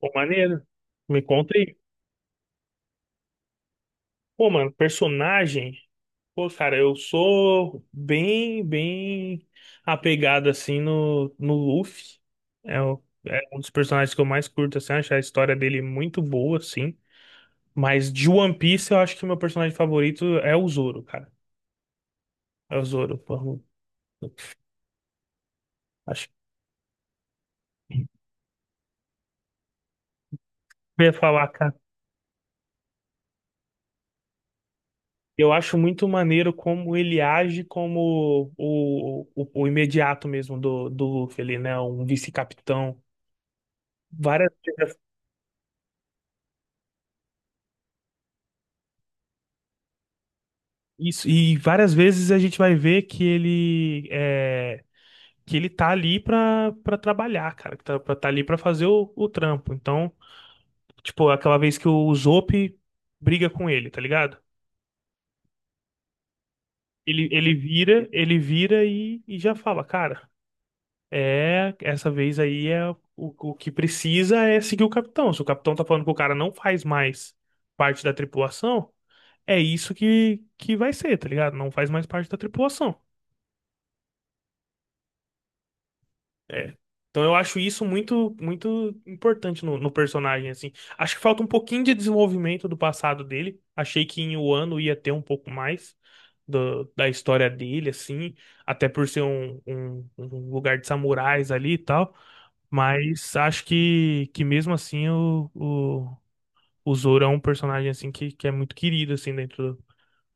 Pô, maneiro. Me conta aí. Pô, mano, personagem. Pô, cara, eu sou bem apegado assim no Luffy. É um dos personagens que eu mais curto, assim, acho a história dele muito boa, assim. Mas de One Piece, eu acho que meu personagem favorito é o Zoro, cara. É o Zoro, pô. Acho que eu ia falar, cara. Eu acho muito maneiro como ele age como o imediato mesmo do Luffy, ele, né? Um vice-capitão. Várias Isso, e várias vezes a gente vai ver que que ele tá ali pra trabalhar, cara, tá ali pra fazer o trampo. Então, tipo, aquela vez que o Zope briga com ele, tá ligado? Ele vira e já fala, cara, é, essa vez aí é o que precisa é seguir o capitão. Se o capitão tá falando que o cara não faz mais parte da tripulação, é isso que vai ser, tá ligado? Não faz mais parte da tripulação. É. Então eu acho isso muito importante no personagem, assim. Acho que falta um pouquinho de desenvolvimento do passado dele. Achei que em Wano ia ter um pouco mais da história dele, assim. Até por ser um lugar de samurais ali e tal. Mas acho que mesmo assim o Zoro é um personagem, assim, que é muito querido, assim, dentro,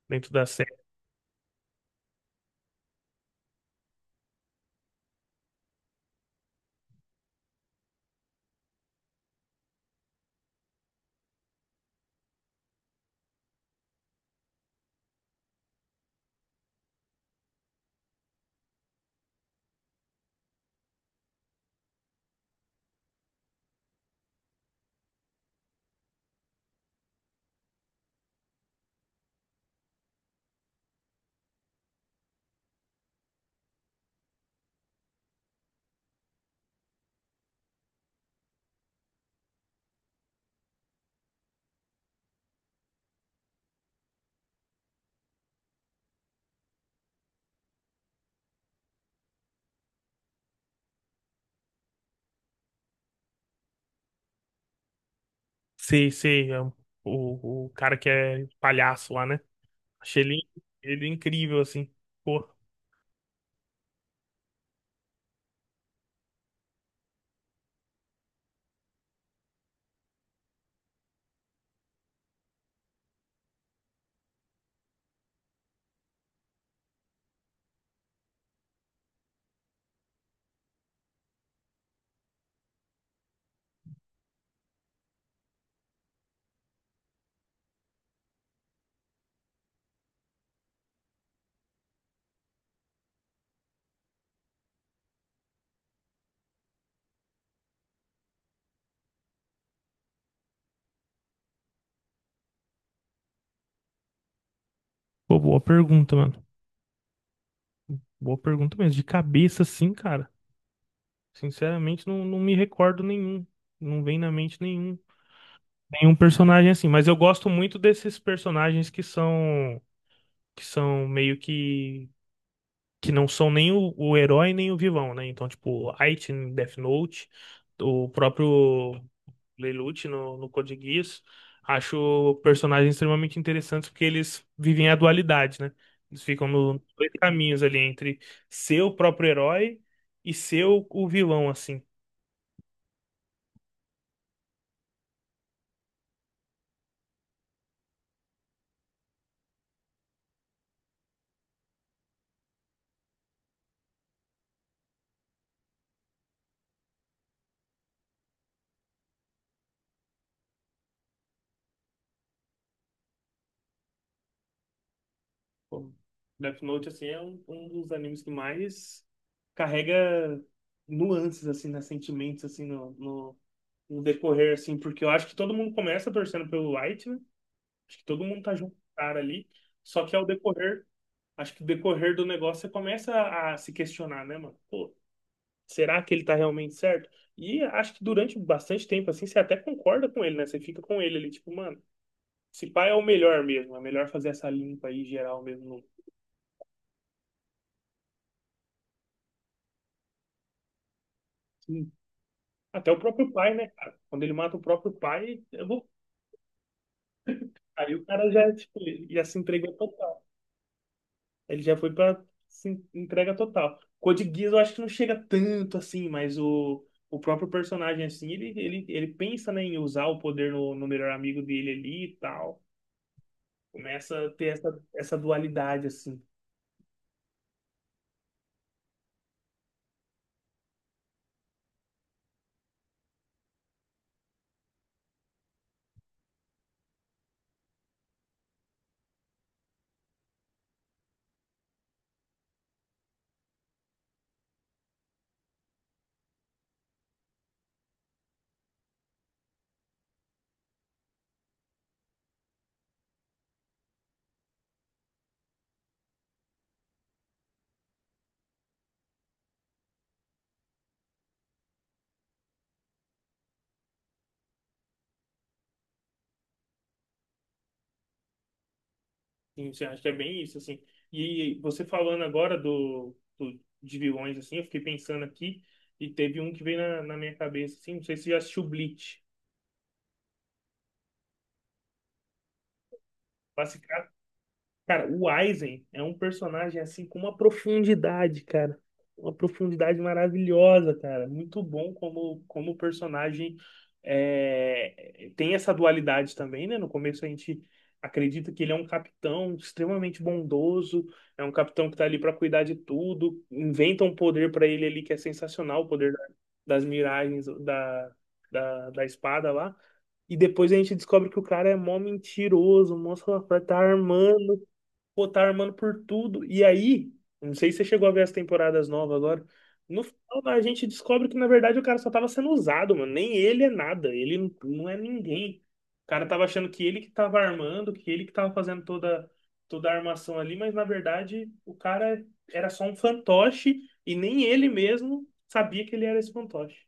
dentro da série. Sei, sei, o cara que é palhaço lá, né? Achei ele, Ele incrível, assim. Pô, Pô, boa pergunta, mano. Boa pergunta mesmo. De cabeça, sim, cara. Sinceramente, não me recordo nenhum. Não vem na mente nenhum. Nenhum personagem assim. Mas eu gosto muito desses personagens que são. Que são meio que. Que não são nem o herói nem o vilão, né? Então, tipo, Item, Death Note, o próprio. Lelouch no Code Geass. Acho personagens extremamente interessantes porque eles vivem a dualidade, né? Eles ficam nos dois caminhos ali entre ser o próprio herói e ser o vilão, assim. Pô, Death Note, assim, é um dos animes que mais carrega nuances, assim, né? Sentimentos, assim, no decorrer, assim. Porque eu acho que todo mundo começa torcendo pelo Light, né? Acho que todo mundo tá junto com o cara ali. Só que ao decorrer acho que o decorrer do negócio você começa a se questionar, né, mano? Pô, será que ele tá realmente certo? E acho que durante bastante tempo, assim, você até concorda com ele, né? Você fica com ele ali, tipo, mano, esse pai é o melhor mesmo, é melhor fazer essa limpa aí geral mesmo. Sim. Até o próprio pai, né, cara? Quando ele mata o próprio pai, eu vou... Aí o cara já, tipo, já se entregou total. Ele já foi pra assim, entrega total. Code Geass eu acho que não chega tanto assim, mas o próprio personagem, assim, ele pensa, né, em usar o poder no melhor amigo dele ali e tal. Começa a ter essa dualidade, assim. Sim, você acha que é bem isso, assim. E você falando agora de vilões, assim, eu fiquei pensando aqui e teve um que veio na minha cabeça, assim, não sei se você já assistiu Bleach. Cara, o Aizen é um personagem assim com uma profundidade, cara. Uma profundidade maravilhosa, cara. Muito bom como, como o personagem é, tem essa dualidade também, né? No começo a gente acredita que ele é um capitão extremamente bondoso, é um capitão que tá ali pra cuidar de tudo. Inventa um poder pra ele ali que é sensacional, das miragens da espada lá. E depois a gente descobre que o cara é mó mentiroso, mó safado, tá armando. Pô, tá armando por tudo. E aí, não sei se você chegou a ver as temporadas novas agora. No final, a gente descobre que, na verdade, o cara só tava sendo usado, mano. Nem ele é nada. Ele não é ninguém. O cara tava achando que ele que tava armando, que ele que tava fazendo toda, toda a armação ali, mas, na verdade, o cara era só um fantoche e nem ele mesmo sabia que ele era esse fantoche.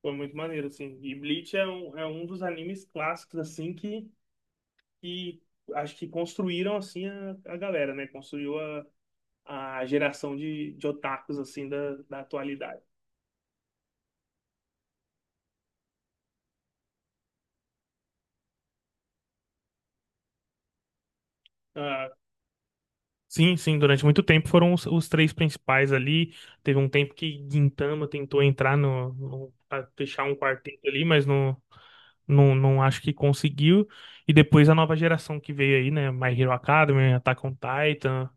Foi muito maneiro, assim. E Bleach é é um dos animes clássicos, assim, que acho que construíram assim a galera, né? Construiu a geração de otakus assim da atualidade. Ah, sim, sim, durante muito tempo foram os três principais ali. Teve um tempo que Gintama tentou entrar pra fechar um quarteto ali, mas não acho que conseguiu. E depois a nova geração que veio aí, né? My Hero Academy, Attack on Titan,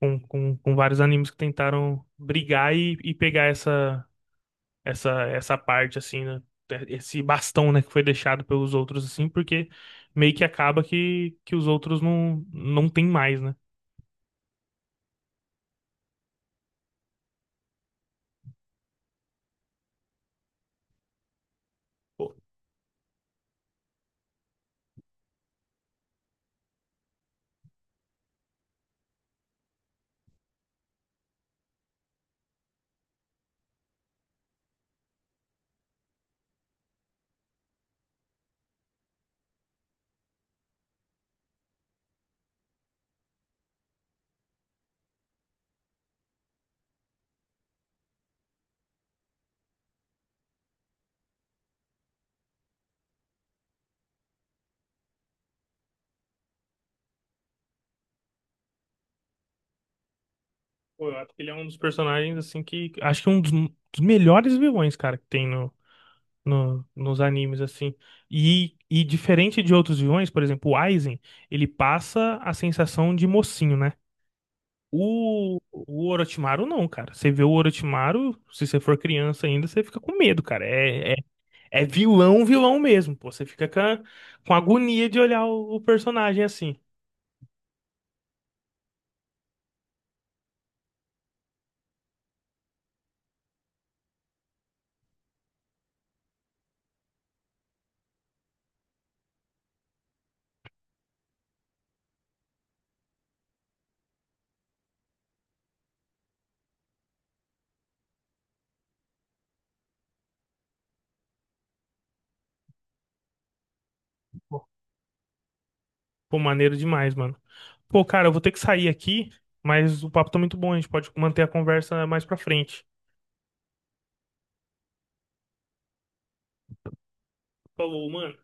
com vários animes que tentaram brigar e pegar essa. Essa parte assim, né? Esse bastão, né, que foi deixado pelos outros assim, porque meio que acaba que os outros não tem mais, né? Pô, Pô, eu acho que ele é um dos personagens assim que acho que é um dos, dos melhores vilões, cara, que tem no, no nos animes assim. E diferente de outros vilões, por exemplo, o Aizen, ele passa a sensação de mocinho, né? O Orochimaru não, cara. Você vê o Orochimaru, se você for criança ainda, você fica com medo, cara. É, é vilão, vilão mesmo, pô. Você fica com, com agonia de olhar o personagem assim. Pô, Pô, maneiro demais, mano. Pô, cara, eu vou ter que sair aqui, mas o papo tá muito bom. A gente pode manter a conversa mais pra frente. Falou, mano.